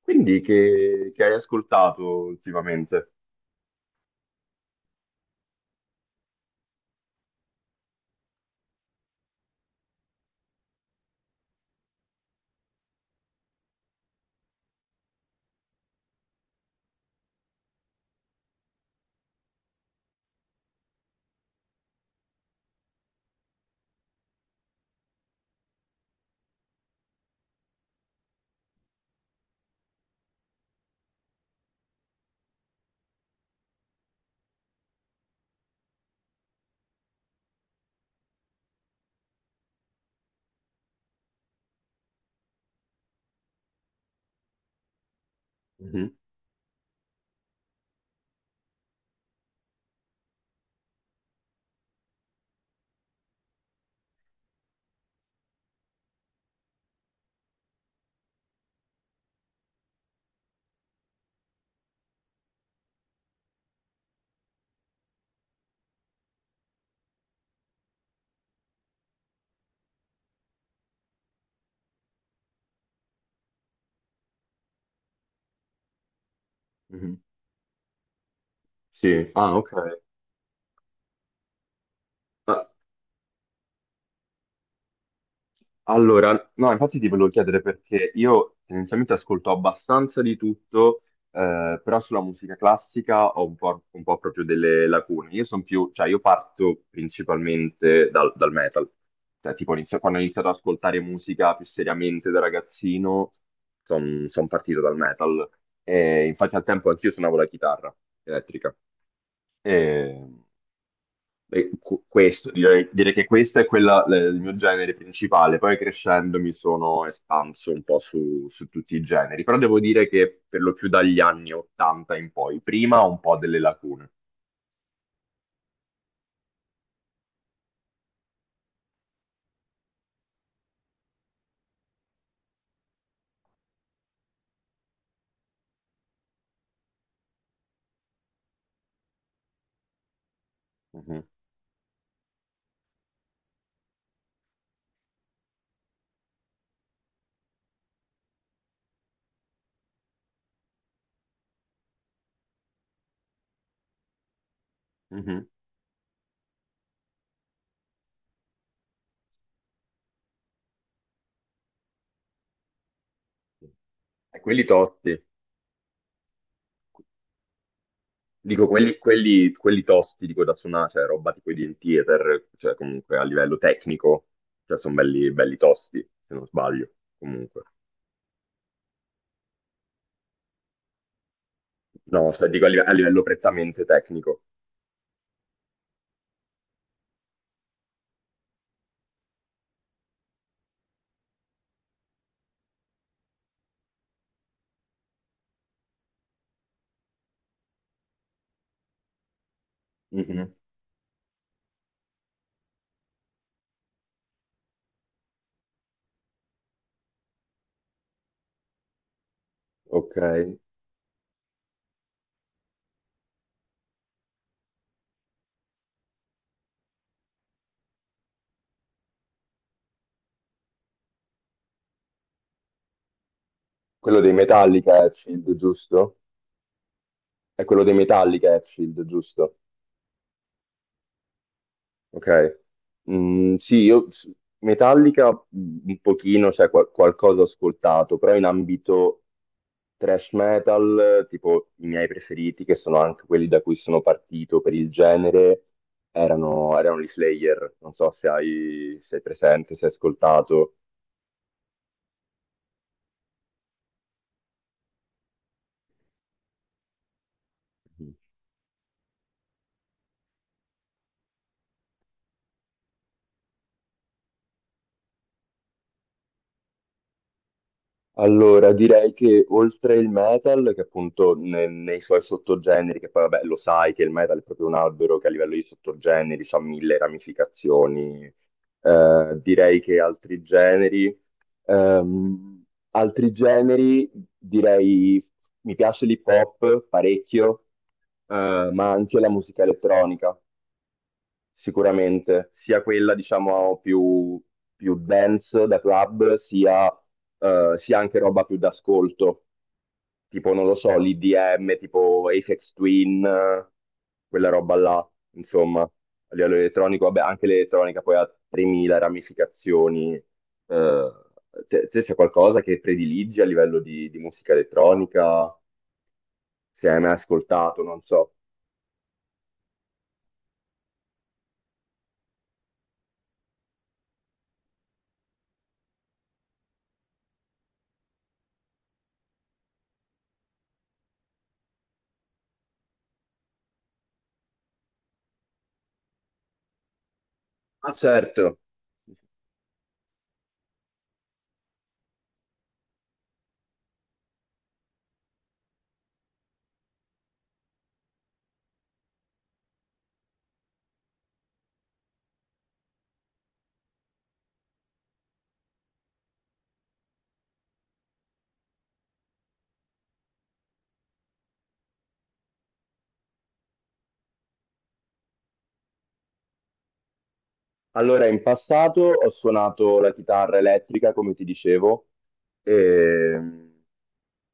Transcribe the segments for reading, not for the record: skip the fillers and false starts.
Quindi che hai ascoltato ultimamente? Mhm, mhm. Sì, ah, ok. Ma- Allora, no, infatti ti volevo chiedere perché io tendenzialmente ascolto abbastanza di tutto, però sulla musica classica ho un po' proprio delle lacune. Io sono più, cioè io parto principalmente dal metal. Cioè, quando ho iniziato ad ascoltare musica più seriamente da ragazzino, sono partito dal metal. E infatti al tempo anch'io suonavo la chitarra elettrica. E, Questo, direi che questo è quella, l- il mio genere principale. Poi crescendo mi sono espanso un po' su tutti i generi, però devo dire che per lo più dagli anni 80 in poi, prima ho un po' delle lacune. Mhm, mhm. E quelli tosti, dico quelli tosti, dico da suonare, cioè roba tipo i Dream Theater, cioè comunque a livello tecnico, cioè sono belli, belli tosti, se non sbaglio, comunque. No, cioè dico a livello prettamente tecnico. Ok. Quello dei Metallica è Shield, giusto? È quello dei Metallica è Shield, giusto? Ok. Mm, sì, Metallica mm, un pochino, cioè qualcosa ho ascoltato, però in ambito thrash metal, tipo i miei preferiti, che sono anche quelli da cui sono partito per il genere, erano gli Slayer. Non so se hai presente, se hai ascoltato. Allora, direi che oltre il metal, che appunto nei suoi sottogeneri, che poi vabbè lo sai che il metal è proprio un albero che a livello di sottogeneri ha mille ramificazioni, direi che altri generi, ehm, altri generi, direi mi piace l'hip hop parecchio, ma anche la musica elettronica. Sicuramente, sia quella diciamo più dance da club, sia, sia anche roba più d'ascolto, tipo non lo so, l'IDM, tipo Aphex Twin, quella roba là, insomma, a livello elettronico, vabbè, anche l'elettronica poi ha 3000 ramificazioni. Te c'è qualcosa che prediligi a livello di musica elettronica? Se hai mai ascoltato, non so. Ah, certo. Allora, in passato ho suonato la chitarra elettrica, come ti dicevo, e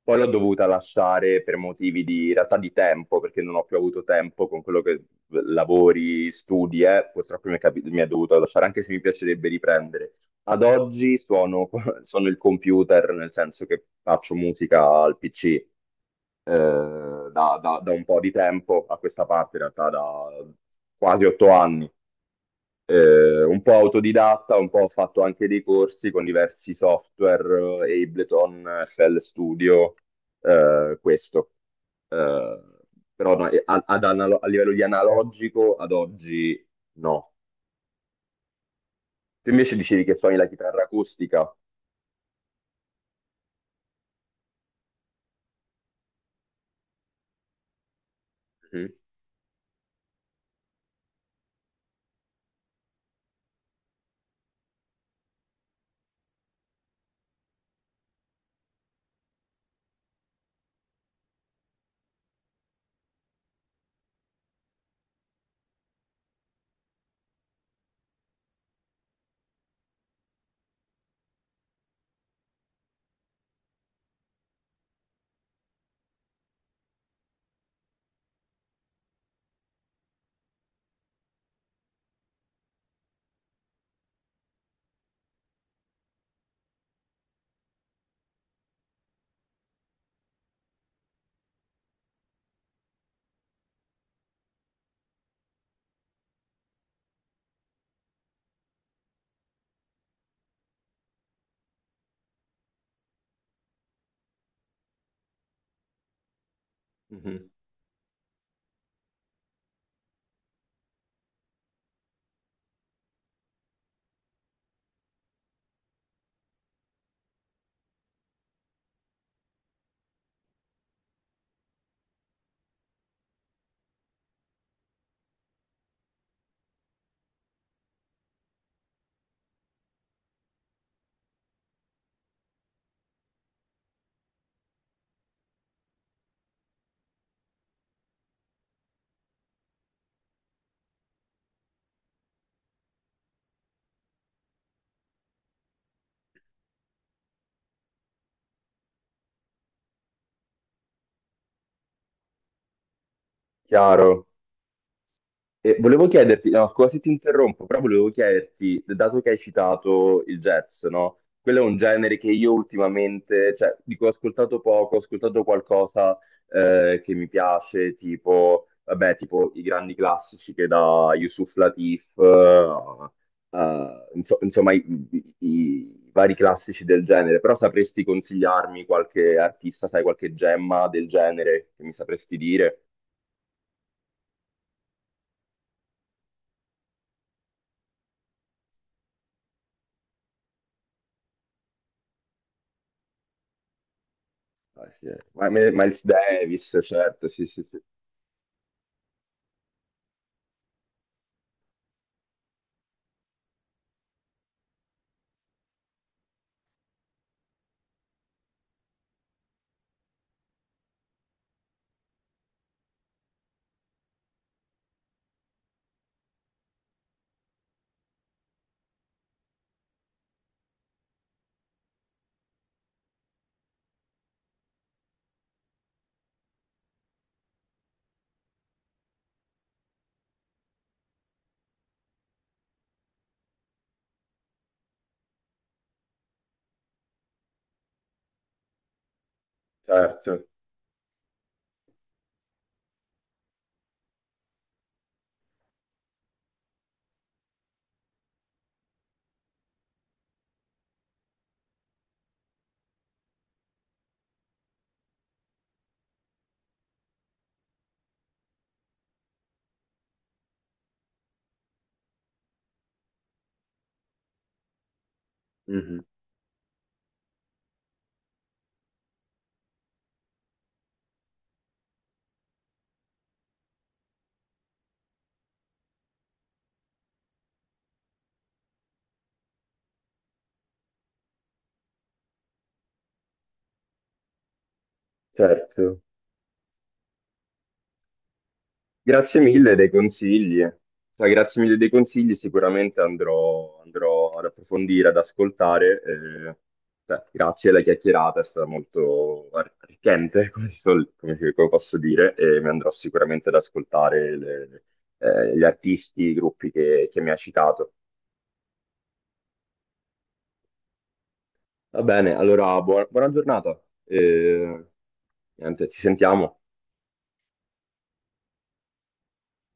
poi l'ho dovuta lasciare per motivi di, in realtà di tempo, perché non ho più avuto tempo con quello che lavori, studi, purtroppo mi è dovuto lasciare, anche se mi piacerebbe riprendere. Ad oggi suono, suono il computer, nel senso che faccio musica al PC, da un po' di tempo a questa parte, in realtà da quasi 8 anni un po' autodidatta, un po' ho fatto anche dei corsi con diversi software, Ableton, FL Studio, questo. Eh, però no, a livello di analogico ad oggi no. Tu invece dicevi che suoni la chitarra acustica. Mhm. Mhm. Chiaro. E volevo chiederti, no, scusa se ti interrompo, però volevo chiederti, dato che hai citato il jazz, no? Quello è un genere che io ultimamente, cioè, dico, ho ascoltato poco, ho ascoltato qualcosa che mi piace, tipo, vabbè, tipo i grandi classici che da Yusuf Latif, insomma, i vari classici del genere, però sapresti consigliarmi qualche artista, sai, qualche gemma del genere che mi sapresti dire? Ah, sì, eh. Miles Davis, certo, sì, sì, sì, certo. Mhm, certo. Grazie mille dei consigli. Cioè, grazie mille dei consigli, sicuramente andrò, andrò ad approfondire, ad ascoltare. Eh, cioè, grazie alla chiacchierata, è stata molto arricchente, come come posso dire, e mi andrò sicuramente ad ascoltare gli artisti, i gruppi che mi ha citato. Va bene, allora buona, buona giornata. Eh, niente, ci sentiamo.